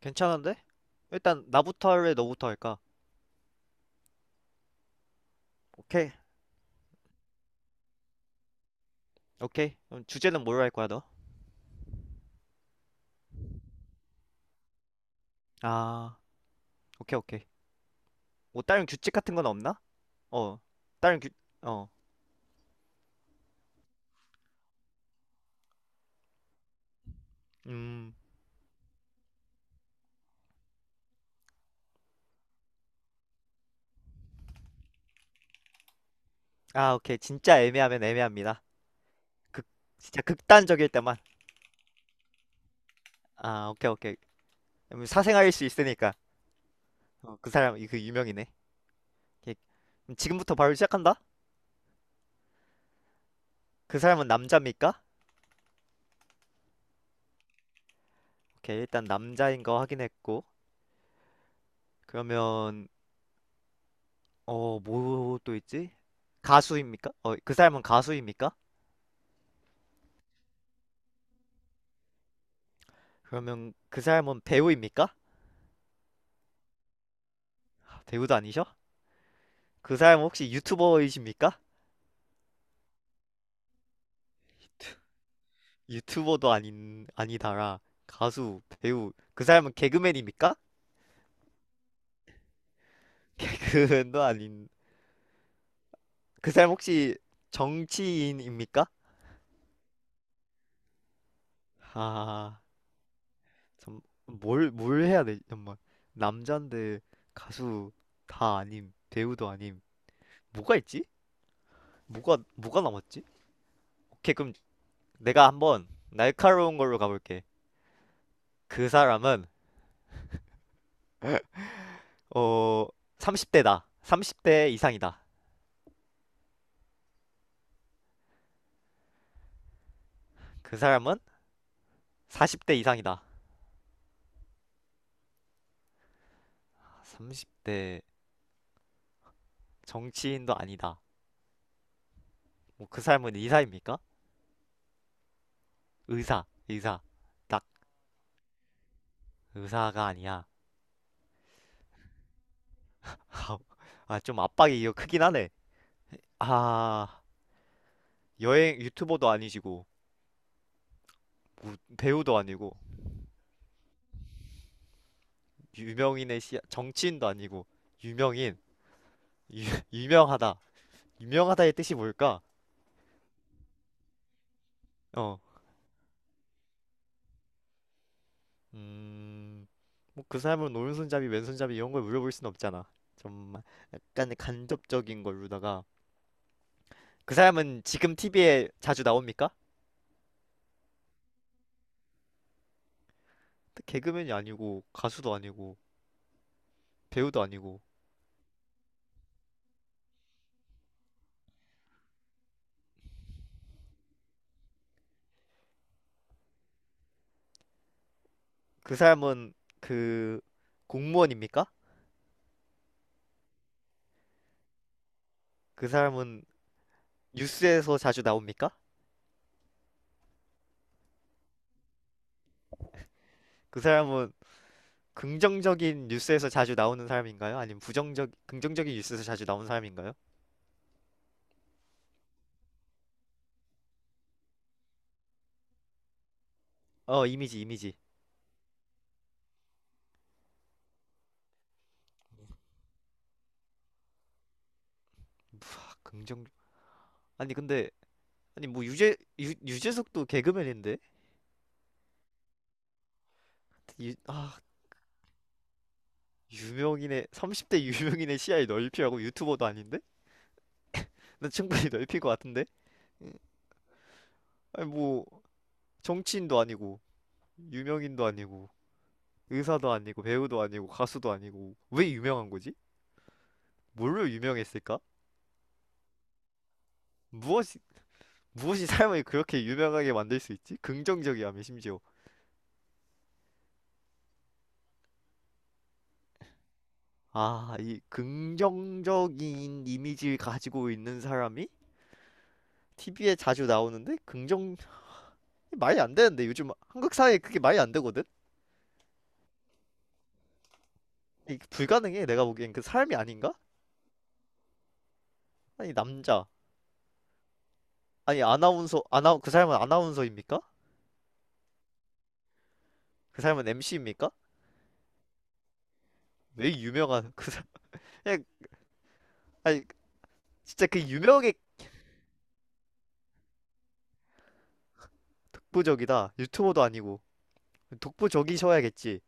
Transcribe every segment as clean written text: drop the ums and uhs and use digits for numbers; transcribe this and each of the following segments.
괜찮은데? 일단 나부터 할래, 너부터 할까? 오케이. 오케이. 그럼 주제는 뭘로 할 거야, 너? 아, 오케이, 오케이. 뭐 다른 규칙 같은 건 없나? 어, 다른 규, 어, 음, 오케이. 진짜 애매하면 애매합니다. 극, 진짜 극단적일 때만. 오케이, 오케이. 사생활일 수 있으니까. 어, 그 사람, 이그 유명이네. 오케이. 그럼 지금부터 바로 시작한다? 그 사람은 남자입니까? 오케이, 일단 남자인 거 확인했고. 그러면, 어, 뭐 또 있지? 가수입니까? 그 사람은 가수입니까? 그러면 그 사람은 배우입니까? 배우도 아니셔? 그 사람은 혹시 유튜버이십니까? 유튜버도 아닌 아니다라 가수, 배우. 그 사람은 개그맨입니까? 개그맨도 아닌. 그 사람 혹시 정치인입니까? 아, 참, 뭘 해야 되지? 정말 남잔데 가수 다 아님, 배우도 아님. 뭐가 있지? 뭐가 남았지? 오케이, 그럼 내가 한번 날카로운 걸로 가볼게. 그 사람은 어, 30대다. 30대 이상이다. 그 사람은 40대 이상이다. 30대 정치인도 아니다. 뭐 그 사람은 의사입니까? 의사. 딱 의사가 아니야. 좀 압박이 이거 크긴 하네. 아, 여행 유튜버도 아니시고 배우도 아니고 유명인의 시 정치인도 아니고 유명인 유, 유명하다. 유명하다의 뜻이 뭘까? 어, 음, 뭐 그 사람은 오른손잡이, 왼손잡이 이런 걸 물어볼 순 없잖아. 좀 약간 간접적인 걸로다가 그 사람은 지금 TV에 자주 나옵니까? 개그맨이 아니고 가수도 아니고 배우도 아니고 그 사람은 그 공무원입니까? 그 사람은 뉴스에서 자주 나옵니까? 그 사람은 긍정적인 뉴스에서 자주 나오는 사람인가요? 아니면 부정적 긍정적인 뉴스에서 자주 나오는 사람인가요? 어, 이미지. 아, 긍정 아니 근데 아니 뭐 유재 유재석도 개그맨인데 유, 아 유명인의 시야를 넓히라고 유튜버도 아닌데 난 충분히 넓힐 것 같은데. 응. 아니 뭐 정치인도 아니고 유명인도 아니고 의사도 아니고 배우도 아니고 가수도 아니고 왜 유명한 거지? 뭘로 유명했을까? 무엇이 무엇이 사람을 그렇게 유명하게 만들 수 있지? 긍정적이야며 심지어 아 이 긍정적인 이미지를 가지고 있는 사람이 TV에 자주 나오는데 긍정 말이 안 되는데 요즘 한국 사회에 그게 말이 안 되거든? 이게 불가능해 내가 보기엔 그 사람이 아닌가? 아니 남자 아니 아나운서 아나 그 사람은 아나운서입니까? 그 사람은 MC입니까? 왜 유명한 그 사람 그냥, 아니 진짜 그 유명의 독보적이다. 유튜버도 아니고 독보적이셔야겠지.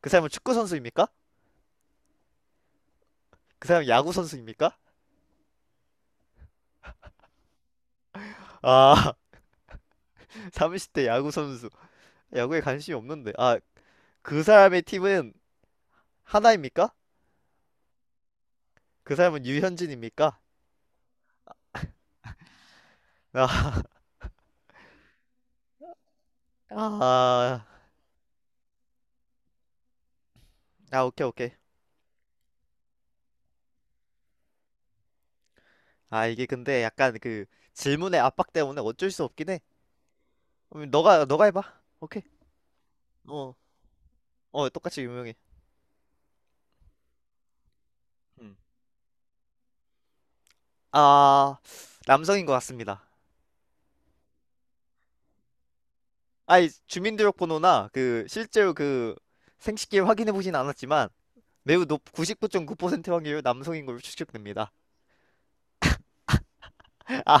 그 사람은 축구 선수입니까? 그 사람은 야구 선수입니까? 아 30대 야구 선수. 야구에 관심이 없는데 아 그 사람의 팀은 하나입니까? 그 사람은 유현진입니까? 아, 아, 아, 오케이, 오케이. 이게 근데 약간 질문의 압박 때문에 어쩔 수 없긴 해. 너가 해봐. 오케이. 어, 어, 똑같이 유명해. 음. 아, 남성인 것 같습니다. 아이, 주민등록번호나 실제로 생식기 확인해 보진 않았지만, 99.9% 확률 남성인 걸로 추측됩니다. 아,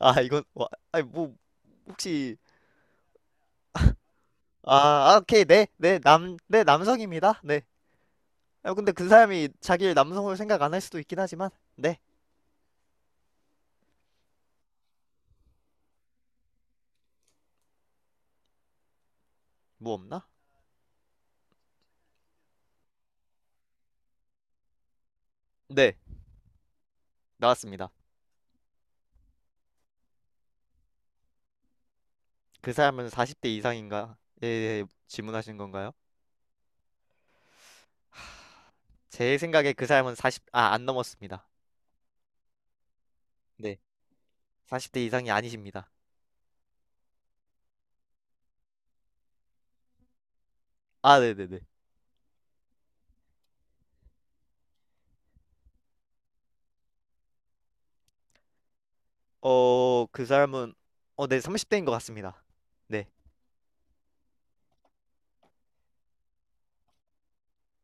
아, 이건, 와, 아니, 뭐, 혹시, 아, 아, 오케이, 네, 네, 네, 남성입니다. 네. 아, 근데 그 사람이 자기를 남성으로 생각 안 할 수도 있긴 하지만, 네, 뭐 없나? 네. 나왔습니다. 그 사람은 40대 이상인가? 네질문하시는 건가요? 제 생각에 그 사람은 안 넘었습니다. 네. 40대 이상이 아니십니다. 아, 네네네. 어, 그 사람은, 네, 30대인 것 같습니다. 네.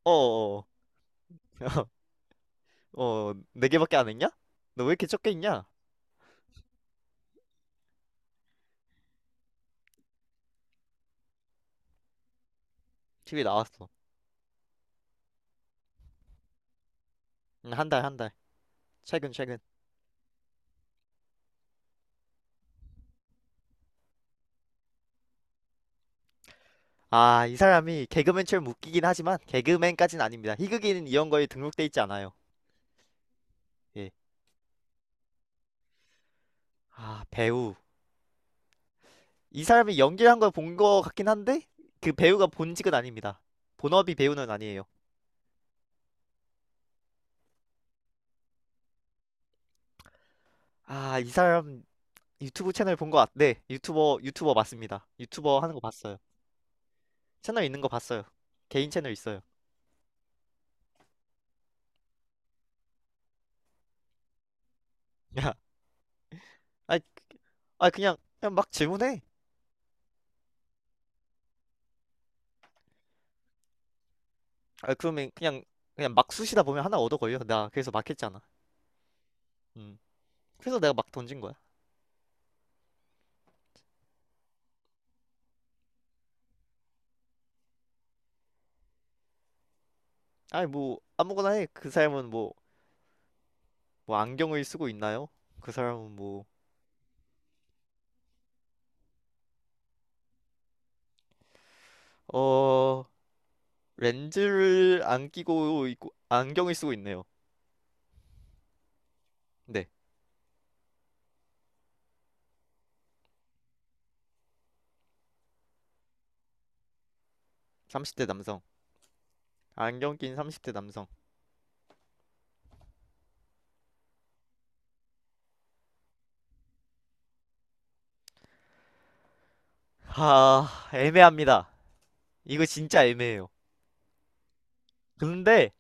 어, 어, 어, 어, 네 개밖에 안 했냐? 너 왜 이렇게 적게 있냐? 티비 나왔어. 한 달. 최근. 아, 이 사람이 개그맨처럼 웃기긴 하지만 개그맨까진 아닙니다. 희극인 이런 거에 등록돼 있지 않아요. 예. 배우. 이 사람이 연기를 한 걸 본 거 같긴 한데 그 배우가 본직은 아닙니다. 본업이 배우는 아니에요. 아, 이 사람 유튜브 채널 본 거 같... 네, 유튜버 맞습니다. 유튜버 하는 거 봤어요. 채널 있는 거 봤어요. 개인 채널 있어요. 야, 아니, 아 그냥 막 질문해. 아 그러면 그냥 막 쑤시다 보면 하나 얻어 걸려. 나 그래서 막 했잖아. 음. 그래서 내가 막 던진 거야. 아니 뭐 아무거나 해. 그 사람은 뭐 뭐 안경을 쓰고 있나요? 그 사람은 뭐 어. 렌즈를 안 끼고 있고 안경을 쓰고 있네요. 네, 30대 남성. 안경 낀 30대 남성. 하, 애매합니다. 이거 진짜 애매해요. 근데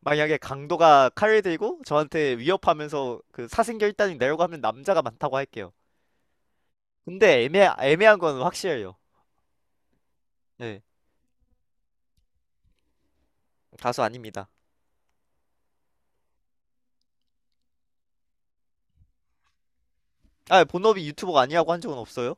만약에 강도가 칼을 들고 저한테 위협하면서 그 사생결단이 내려고 하면 남자가 많다고 할게요. 근데 애매한 건 확실해요. 네, 가수 아닙니다. 아, 본업이 유튜버가 아니라고 한 적은 없어요?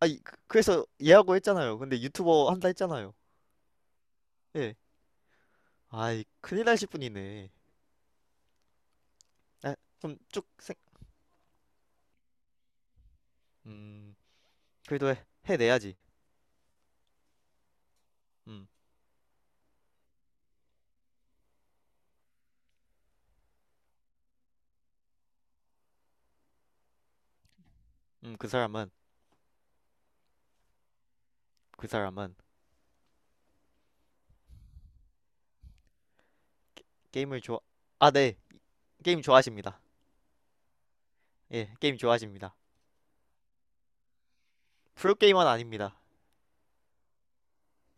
아, 그래서 얘하고 했잖아요. 근데 유튜버 한다 했잖아요. 예. 아이, 큰일 날실 분이네. 아, 좀쭉 음, 그래도 해내야지. 음, 그 사람은 그 사람은 게임을 좋아 아, 네. 게임 좋아하십니다. 예, 게임 좋아하십니다. 프로게이머는 아닙니다.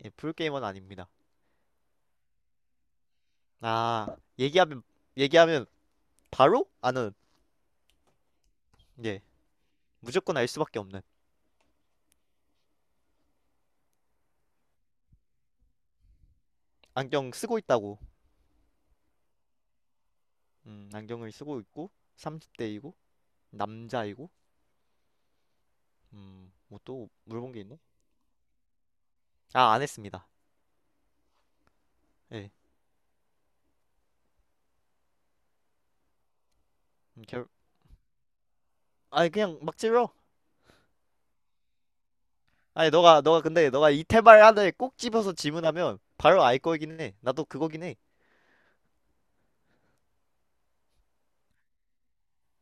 예, 프로게이머는 아닙니다. 아, 얘기하면 얘기하면 바로 아는. 예, 무조건 알 수밖에 없는. 안경 쓰고 있다고. 안경을 쓰고 있고 30대이고 남자이고. 뭐 또 물어본 게 있네? 아, 안 했습니다. 예. 결 아니 그냥 막 질러. 아니 너가 근데 너가 이태발 하나를 꼭 집어서 질문하면 바로 알 거긴 해. 나도 그거긴 해.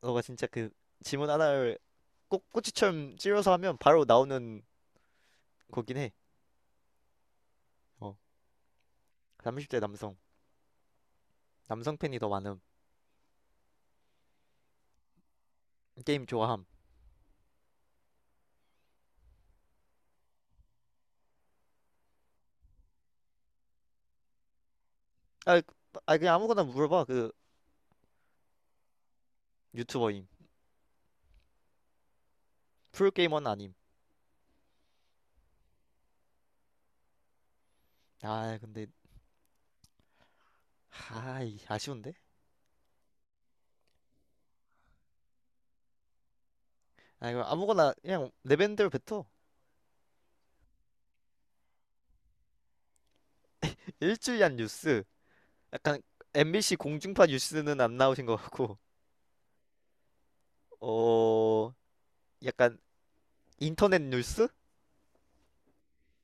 너가 진짜 그 질문 하나를 꼭 꼬치처럼 찔러서 하면 바로 나오는 거긴 해. 어. 30대 남성. 남성 팬이 더 많음. 게임 좋아함. 아, 아 그냥 아무거나 물어봐. 유튜버임. 프로게이머는 아님. 아, 근데 하이 아쉬운데? 아 이거 아무거나 그냥 내 밴드로 뱉어. 일주일간 뉴스. 약간 MBC 공중파 뉴스는 안 나오신 것 같고. 어, 약간 인터넷 뉴스?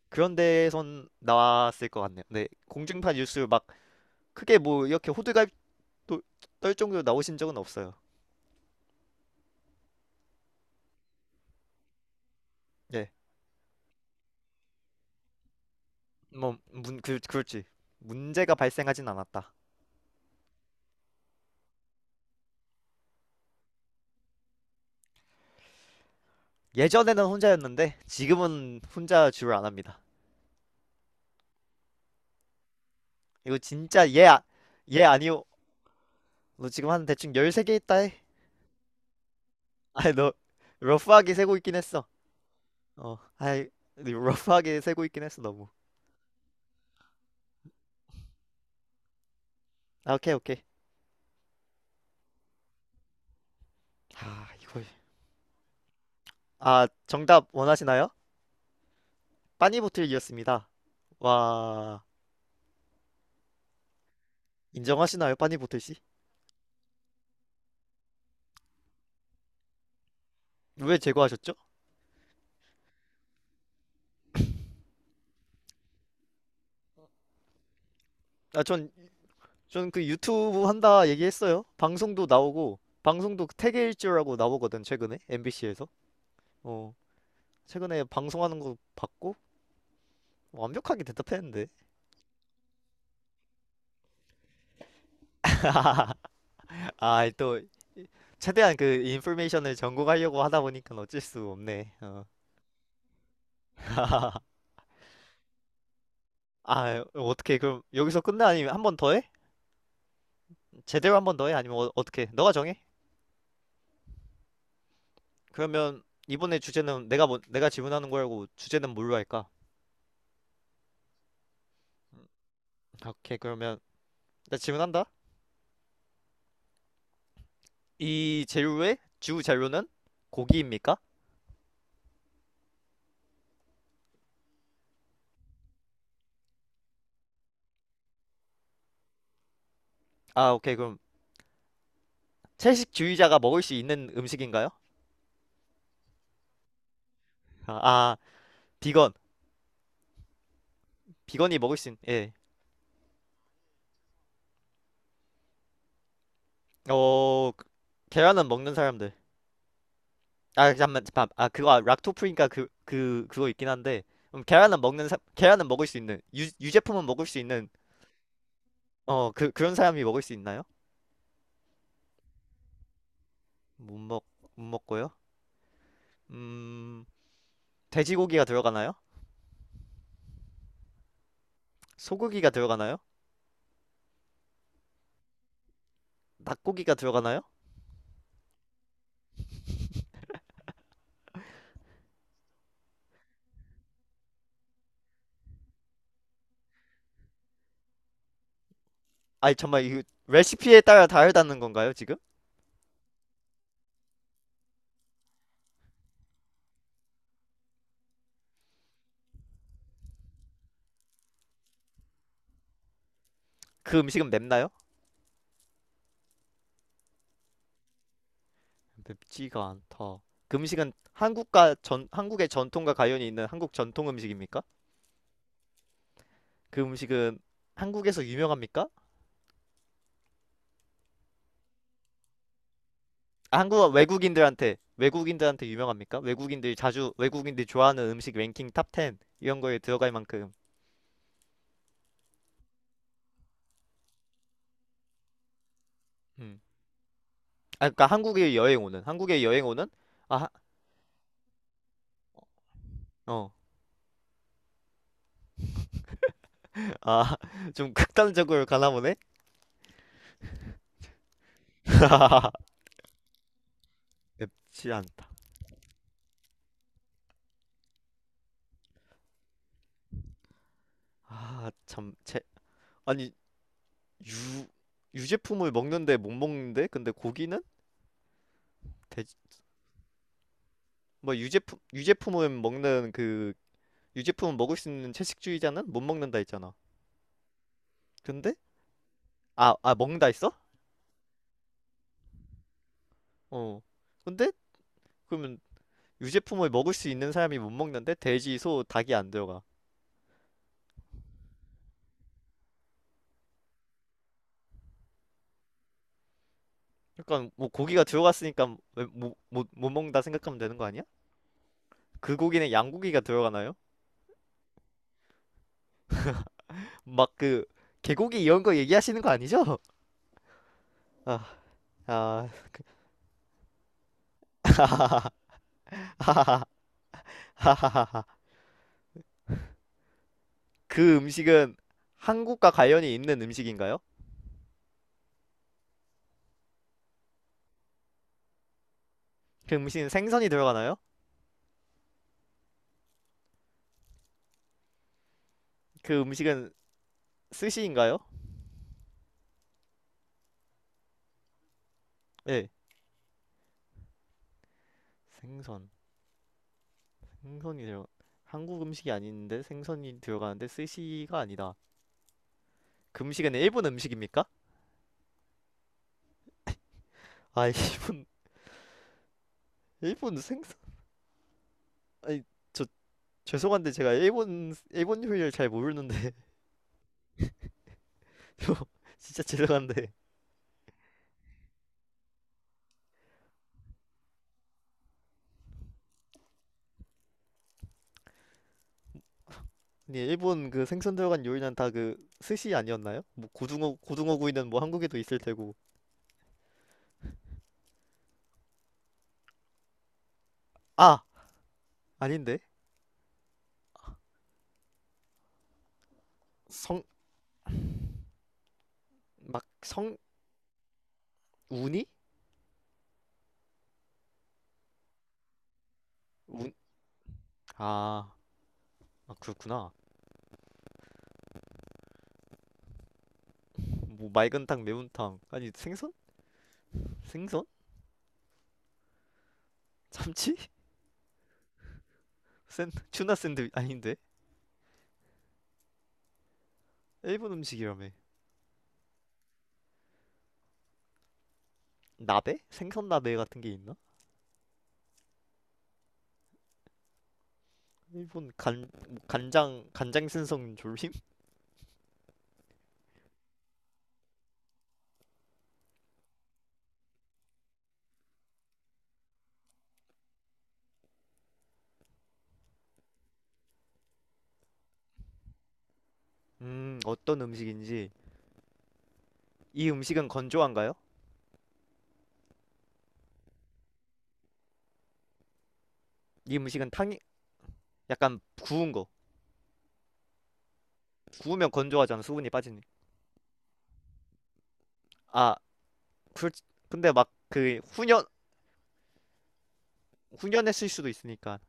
그런 데선 나왔을 것 같네요. 네, 공중파 뉴스 막 크게 뭐 이렇게 호들갑 도- 떨 정도로 나오신 적은 없어요. 예, 그렇지. 문제가 발생하진 않았다. 예전에는 혼자였는데 지금은 혼자 주를 안 합니다. 이거 진짜 얘, 아- 얘 아니오. 너 지금 한 대충 13개 있다 해. 아이, 너 러프하게 세고 있긴 했어. 어, 아이, 네, 러프하게 세고 있긴 했어, 너무. 아, 오케이, 오케이. 아, 이걸. 아, 정답 원하시나요? 빠니보틀이었습니다. 와, 인정하시나요, 빠니보틀 씨? 왜 제거하셨죠? 아, 전, 전 그 유튜브 한다 얘기했어요. 방송도 나오고, 방송도 태계일주라고 나오거든, 최근에. MBC에서. 어, 최근에 방송하는 거 봤고, 완벽하게 대답했는데. 아, 또, 최대한 그 인포메이션을 전공하려고 하다 보니까 어쩔 수 없네. 어. 아, 어떻게, 그럼 여기서 끝내? 아니면 한번 더 해? 제대로 한번 더 해? 아니면 어떻게? 너가 정해. 그러면 이번에 주제는 내가 질문하는 거고 주제는 뭘로 할까? 오케이 그러면 나 질문한다. 이 재료의 주 재료는 고기입니까? 아 오케이 그럼 채식주의자가 먹을 수 있는 음식인가요? 아, 아 비건. 비건이 먹을 수 있는 예. 어 그- 계란은 먹는 사람들. 아 잠만 잠- 아 그거 아, 락토프리니까 그거 있긴 한데. 그럼 계란은 먹는 사 계란은 먹을 수 있는, 유제품은 먹을 수 있는 그런 사람이 먹을 수 있나요? 못 먹 못 먹고요. 음. 돼지고기가 들어가나요? 소고기가 들어가나요? 닭고기가 들어가나요? 아니 정말 이 레시피에 따라 다르다는 건가요, 지금? 그 음식은 맵나요? 맵지가 않다. 그 음식은 한국과 전 한국의 전통과 관련이 있는 한국 전통 음식입니까? 그 음식은 한국에서 유명합니까? 아, 한국 외국인들한테 외국인들한테 유명합니까? 외국인들이 좋아하는 음식 랭킹 탑 10 이런 거에 들어갈 만큼. 음. 아 그러니까 한국에 여행 오는 아어 아, 좀 극단적으로 가나 보네? 맵지 않다. 아, 참, 제, 아니, 유, 유제품을 먹는데 못 먹는데? 근데 고기는? 돼지, 유제품은 먹는 그, 유제품은 먹을 수 있는 채식주의자는 못 먹는다 했잖아. 근데? 아, 아, 먹는다 했어? 어. 근데? 그러면 유제품을 먹을 수 있는 사람이 못 먹는데? 돼지, 소, 닭이 안 들어가. 약간, 뭐, 고기가 들어갔으니까 왜 못 먹는다 생각하면 되는 거 아니야? 그 고기는 양고기가 들어가나요? 막 그 개고기 이런 거 얘기하시는 거 아니죠? 아, 아, 하하하하하하. 그 음식은 한국과 관련이 있는 음식인가요? 그 음식은 생선이 들어가나요? 그 음식은 스시인가요? 예, 생선, 생선이 들어. 한국 음식이 아닌데 생선이 들어가는데 스시가 아니다. 그 음식은 일본 음식입니까? 아, 일본, 일본 생선. 아니, 저 죄송한데 제가 일본 요리를 잘 모르는데, 저 진짜 죄송한데. 근데 일본 그 생선 들어간 요리는 다 그 스시 아니었나요? 뭐 고등어 구이는 뭐 한국에도 있을 테고. 아, 아닌데. 성막성 우니? 운 아, 아 그렇구나. 뭐 맑은탕, 매운탕. 아니 생선? 생선? 참치? 샌 튜나 샌드 아닌데. 일본 음식이라며. 나베? 생선 나베 같은 게 있나? 일본 간 뭐 간장 간장 생선 졸림? 어떤 음식인지. 이 음식은 건조한가요? 이 음식은 탕이 약간 구운 거. 구우면 건조하잖아. 수분이 빠지니. 아, 그, 근데 막 그 후년 후년했을 수도 있으니까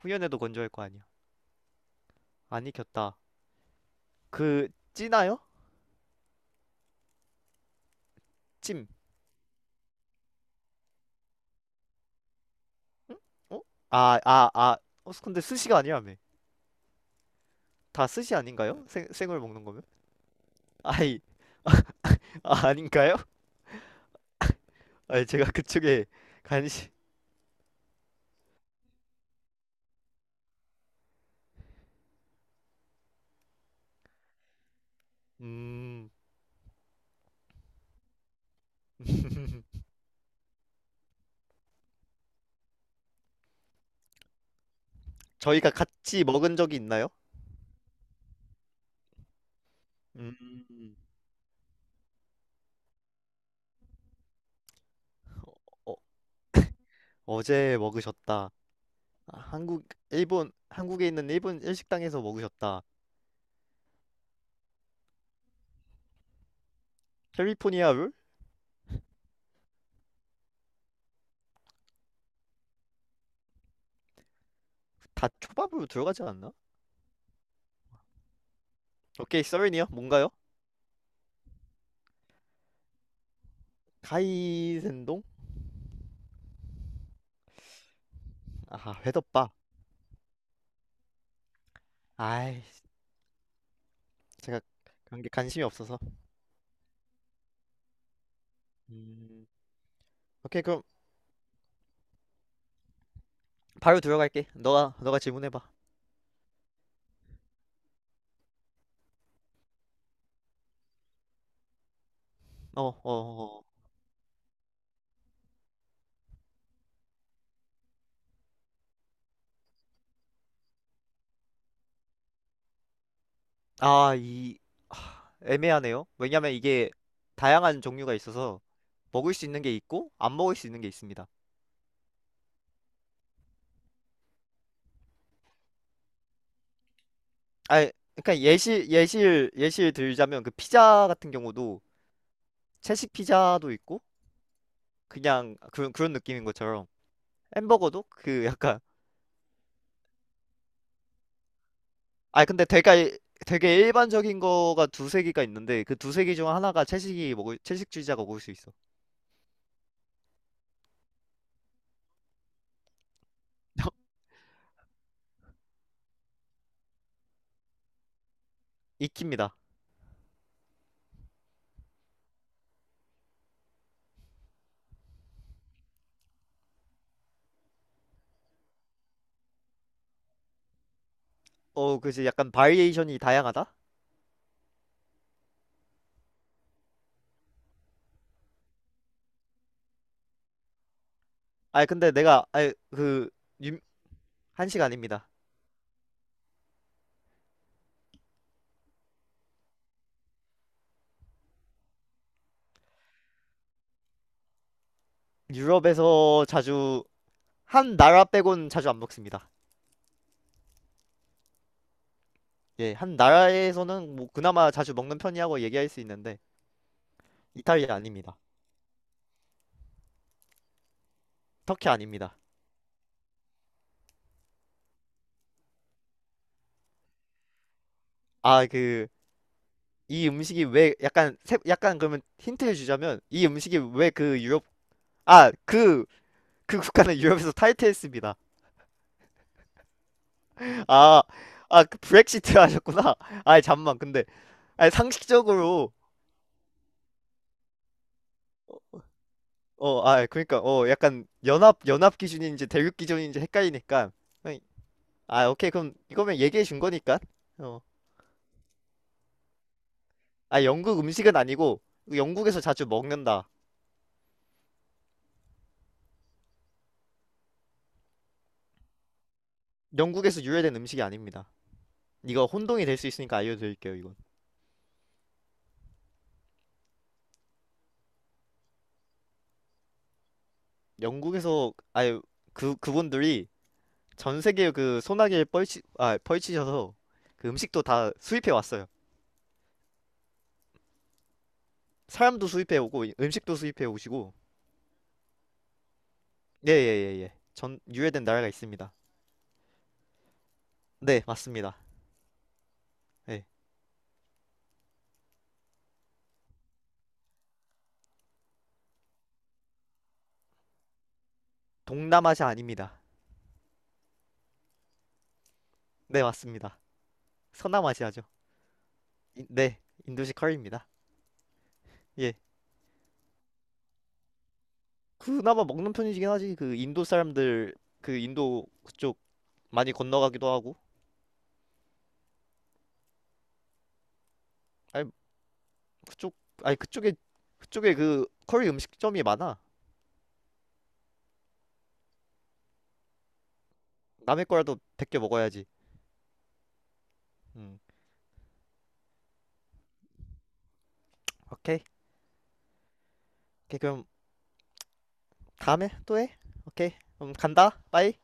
후년에도 건조할 거 아니야. 안 익혔다. 그 찌나요? 찜. 응? 어? 아, 아, 아. 어, 근데 스시가 아니라며. 다 스시 아닌가요? 생을 먹는 거면? 아이, 아, 아닌가요? 아니, 제가 그쪽에 관심. 음, 저희가 같이 먹은 적이 있나요? 음, 어, 어제 먹으셨다. 한국에 있는 일본 일식당에서 먹으셨다. 캘리포니아 룰? 다 초밥으로 들어가지 않나? 오케이, 서렌이요 뭔가요? 카이센동? 아, 회덮밥. 아이, 제가 그런 게 관심이 없어서. 음, 오케이, 그럼 바로 들어갈게. 너가 질문해봐. 어, 어, 어. 아, 이 애매하네요. 왜냐면 이게 다양한 종류가 있어서 먹을 수 있는 게 있고 안 먹을 수 있는 게 있습니다. 아, 그러니까 예시를 들자면 그 피자 같은 경우도 채식 피자도 있고 그냥 그런 그런 느낌인 것처럼. 햄버거도 그 약간 아 근데 되게 되게 일반적인 거가 두세 개가 있는데 그 두 세 개 중 하나가 채식이 먹을 채식주의자가 먹을 수 있어. 익힙니다. 어 그지 약간 바리에이션이 다양하다? 아 근데 내가 아그 한식 아닙니다. 유럽에서 자주 한 나라 빼곤 자주 안 먹습니다. 예, 한 나라에서는 뭐 그나마 자주 먹는 편이라고 얘기할 수 있는데. 이탈리아 아닙니다. 터키 아닙니다. 아그 이 음식이 왜 약간 세- 약간 그러면 힌트를 주자면 이 음식이 왜 그 유럽 아 그 그 국가는 유럽에서 탈퇴했습니다. 아 그 브렉시트 하셨구나. 아 잠만 근데 아 상식적으로. 어 어, 아 그러니까 어 약간 연합 기준인지 대륙 기준인지 헷갈리니까. 아이, 아 오케이 그럼 이거면 얘기해 준 거니까. 어. 아 영국 음식은 아니고 영국에서 자주 먹는다. 영국에서 유래된 음식이 아닙니다. 이거 혼동이 될 수 있으니까 알려드릴게요 이건. 영국에서 아예 그 그분들이 전 세계 그 소나기를 뻘치 아 펼치셔서 그 음식도 다 수입해 왔어요. 사람도 수입해 오고 음식도 수입해 오시고. 예. 전 유래된 나라가 있습니다. 네 맞습니다. 예. 동남아시아 아닙니다. 네 맞습니다. 서남아시아죠. 네 인도식 커리입니다. 예 그나마 먹는 편이긴 하지. 그 인도 사람들 그 인도 그쪽 많이 건너가기도 하고. 아니 그쪽 아니 그쪽에 그쪽에 그 커리 음식점이 많아. 남의 거라도 베껴 먹어야지. 음. 오케이. 오케이, 그럼 다음에 또 해. 오케이. 그럼 간다. 빠이.